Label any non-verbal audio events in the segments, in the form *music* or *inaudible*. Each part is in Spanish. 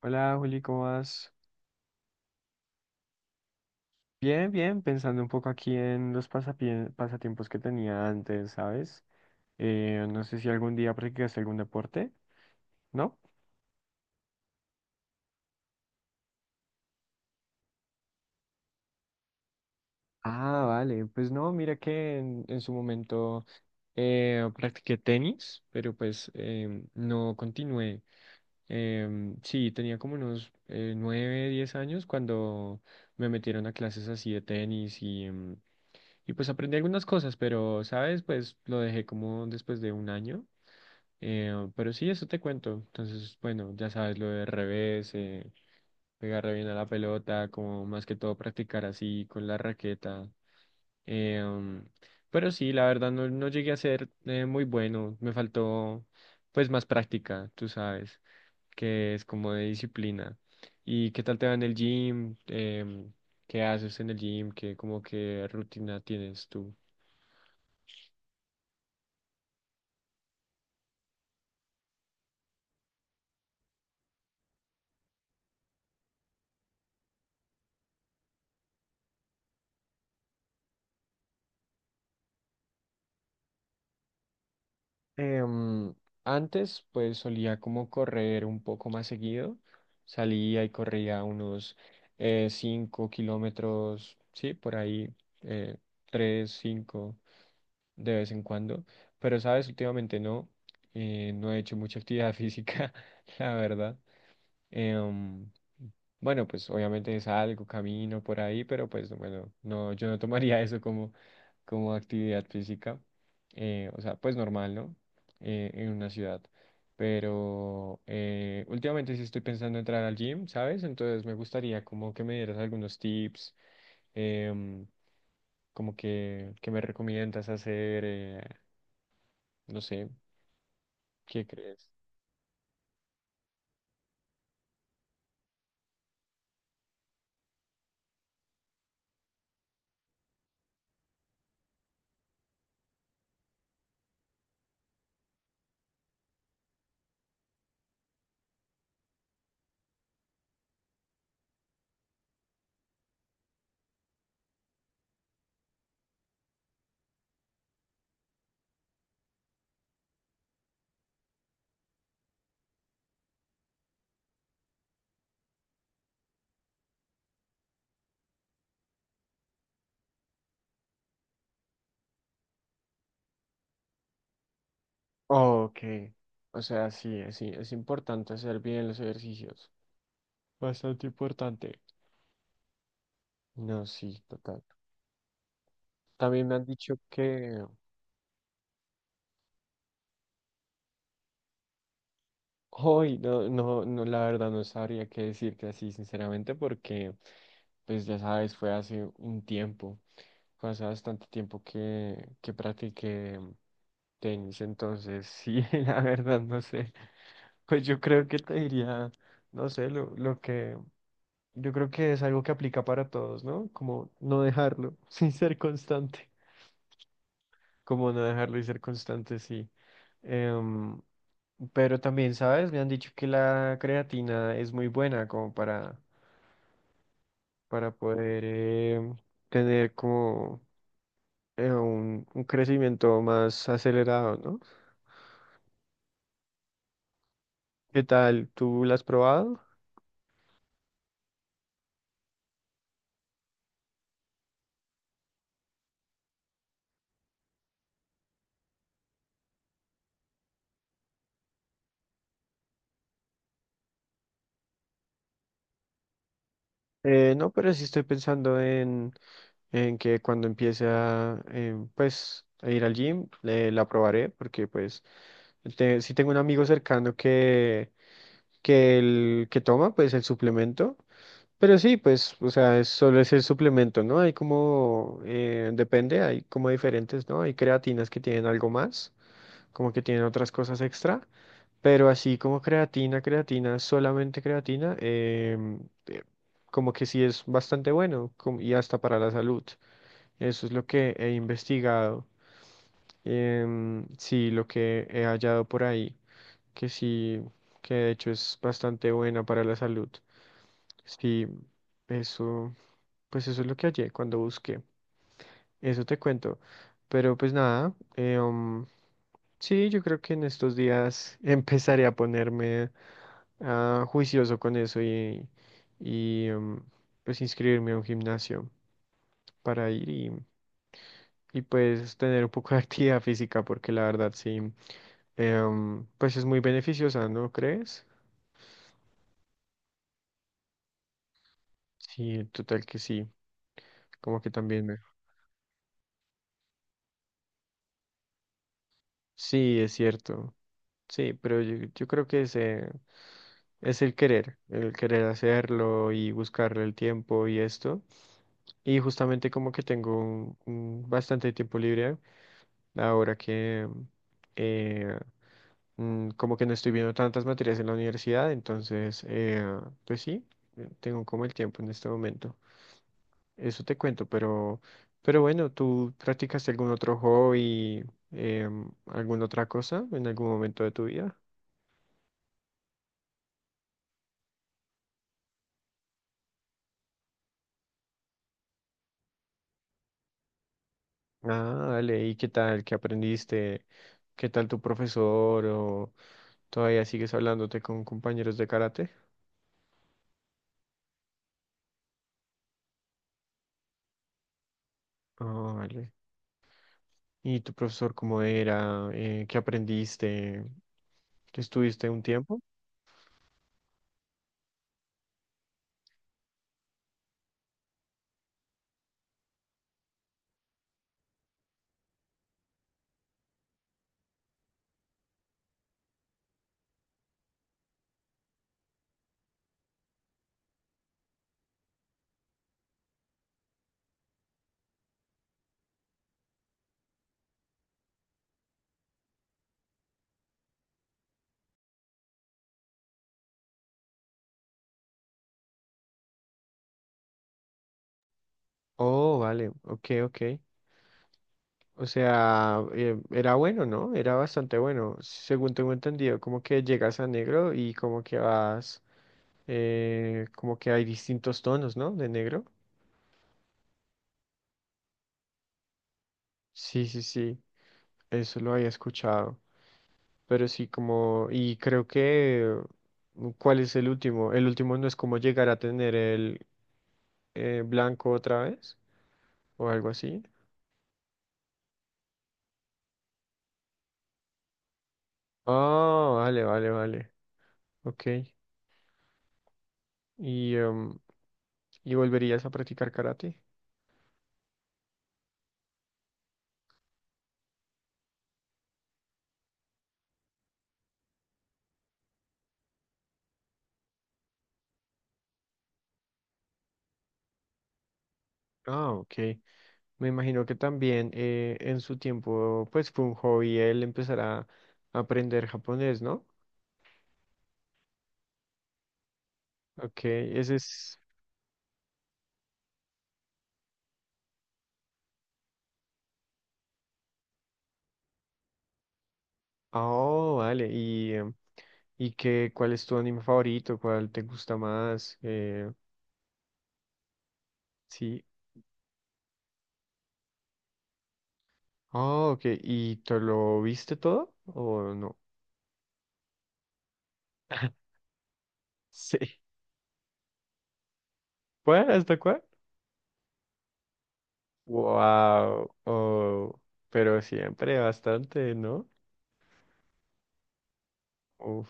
Hola Juli, ¿cómo vas? Bien, bien, pensando un poco aquí en los pasatiempos que tenía antes, ¿sabes? No sé si algún día practicaste algún deporte, ¿no? Ah, vale. Pues no, mira que en su momento practiqué tenis, pero pues no continué. Sí, tenía como unos 9, 10 años cuando me metieron a clases así de tenis y pues aprendí algunas cosas, pero, ¿sabes? Pues lo dejé como después de un año. Pero sí, eso te cuento. Entonces, bueno, ya sabes lo de revés, pegarle bien a la pelota, como más que todo practicar así con la raqueta. Eh, um, pero sí, la verdad no, no llegué a ser muy bueno. Me faltó pues más práctica, tú sabes, que es como de disciplina. ¿Y qué tal te va en el gym? ¿Qué haces en el gym? ¿Qué como que rutina tienes tú? Em, Antes, pues solía como correr un poco más seguido. Salía y corría unos 5 kilómetros, sí, por ahí, eh, 3, 5, de vez en cuando. Pero, sabes, últimamente no, no he hecho mucha actividad *laughs* física, la verdad. Em, bueno, pues obviamente salgo, camino por ahí, pero pues bueno, no, yo no tomaría *laughs* eso como actividad física. O sea, pues normal, ¿no? En una ciudad. Pero últimamente sí estoy pensando entrar al gym, ¿sabes? Entonces me gustaría como que me dieras algunos tips, em, como que me recomiendas hacer, no sé, ¿qué crees? Ok, o sea, sí, sí, es importante hacer bien los ejercicios. Bastante importante. No, sí, total. También me han dicho que hoy, no, no, no, la verdad no sabría qué decirte así, sinceramente, porque, pues ya sabes, fue hace un tiempo, fue hace bastante tiempo que practiqué tenis, entonces sí, *laughs* la verdad no sé. Pues yo creo que te diría, no sé, lo que, yo creo que es algo que aplica para todos, ¿no? Como no dejarlo, *laughs* sin ser constante. Como no dejarlo y ser constante, sí. Em, pero también, ¿sabes? Me han dicho que la creatina es muy buena como para poder tener como un crecimiento más acelerado, ¿no? ¿Qué tal? ¿Tú la has probado? No, pero sí estoy pensando en que cuando empiece pues, a ir al gym, la probaré porque pues... Sí tengo un amigo cercano que el que toma, pues el suplemento. Pero sí, pues, o sea, solo es el suplemento, ¿no? Hay como, depende, hay como diferentes, ¿no? Hay creatinas que tienen algo más, como que tienen otras cosas extra, pero así como creatina, creatina, solamente creatina, eh, como que sí es bastante bueno y hasta para la salud. Eso es lo que he investigado, sí, lo que he hallado por ahí, que sí, que de hecho es bastante buena para la salud. Sí, eso, pues eso es lo que hallé cuando busqué. Eso te cuento. Pero pues nada, sí, yo creo que en estos días *laughs* empezaré a ponerme juicioso con eso y, y um, pues inscribirme a un gimnasio para ir y pues tener un poco de *laughs* actividad física porque la verdad sí, pues es muy beneficiosa, ¿no crees? Sí, total que sí, como que también me... Sí, es cierto. Sí, pero yo creo que ese Es el querer hacerlo y buscarle el tiempo y esto. Y justamente como que tengo un bastante tiempo libre ahora que eh, como que no estoy viendo tantas materias en la universidad, entonces pues sí, tengo como el tiempo en este momento. Eso te cuento, pero, bueno, ¿tú practicaste algún otro hobby, alguna otra cosa en algún momento de tu vida? Ah, dale, ¿y qué tal? ¿Qué aprendiste? ¿Qué tal tu profesor? ¿O todavía sigues hablándote con compañeros de karate? Ah, vale. ¿Y tu profesor cómo era? ¿Qué aprendiste? ¿Estuviste un tiempo? Oh, vale, ok, ok. O sea, era bueno, ¿no? Era bastante bueno. Según tengo entendido, como que llegas a negro y como que vas, como que hay distintos tonos, ¿no? De negro. Sí, sí, sí, eso lo había escuchado. Pero sí, como, y creo que, ¿cuál es el último? El último no es como llegar a tener el blanco otra vez o algo así. Ah, vale, vale, vale. Ok. ¿Y, em, ¿y volverías a practicar karate? Ah, ok. Me imagino que también en su tiempo, pues fue un hobby él empezar a aprender japonés, ¿no? Ok, ese es... Oh, vale. ¿Cuál es tu anime favorito? ¿Cuál te gusta más? Sí. Ah, ok. ¿Y te lo viste todo o no? *laughs* Sí. ¿Cuál? ¿Hasta cuál? Wow. Oh, pero siempre bastante, ¿no? Uf,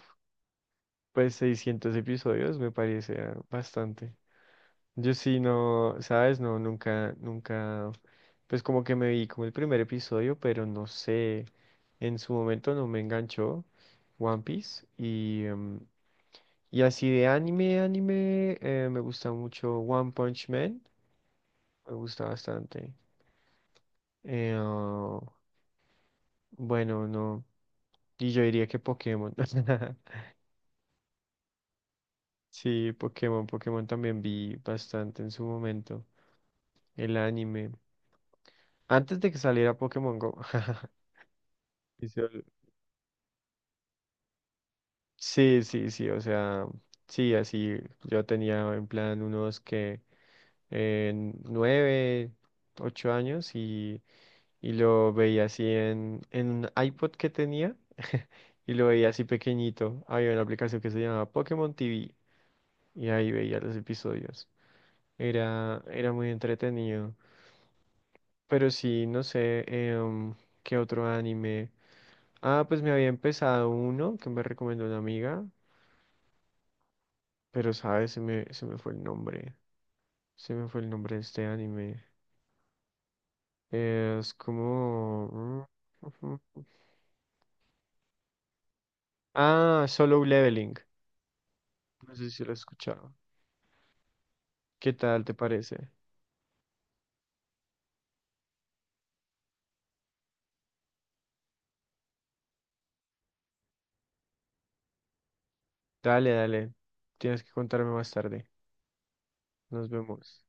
pues 600 episodios me parece bastante. Yo sí, no, ¿sabes? No, nunca, nunca, pues como que me vi como el primer episodio, pero no sé, en su momento no me enganchó One Piece y así de anime, anime, me gusta mucho One Punch Man. Me gusta bastante. Oh, bueno, no. Y yo diría que Pokémon. *laughs* Sí, Pokémon. Pokémon también vi bastante en su momento. El anime. Antes de que saliera Pokémon Go. *laughs* Y sol- Sí, sí, sí. O sea, sí, así. Yo tenía en plan unos que en 9, 8 años y lo veía así en un iPod que tenía *laughs* y lo veía así pequeñito. Había una aplicación que se llamaba Pokémon TV y ahí veía los episodios. Era muy entretenido. Pero sí, no sé, ¿qué otro anime? Ah, pues me había empezado uno que me recomendó una amiga, pero sabes, se me fue el nombre. Se me fue el nombre de este anime. Es como... *laughs* Ah, Solo Leveling. No sé si lo he escuchado. ¿Qué tal te parece? Dale, dale. Tienes que contarme más tarde. Nos vemos.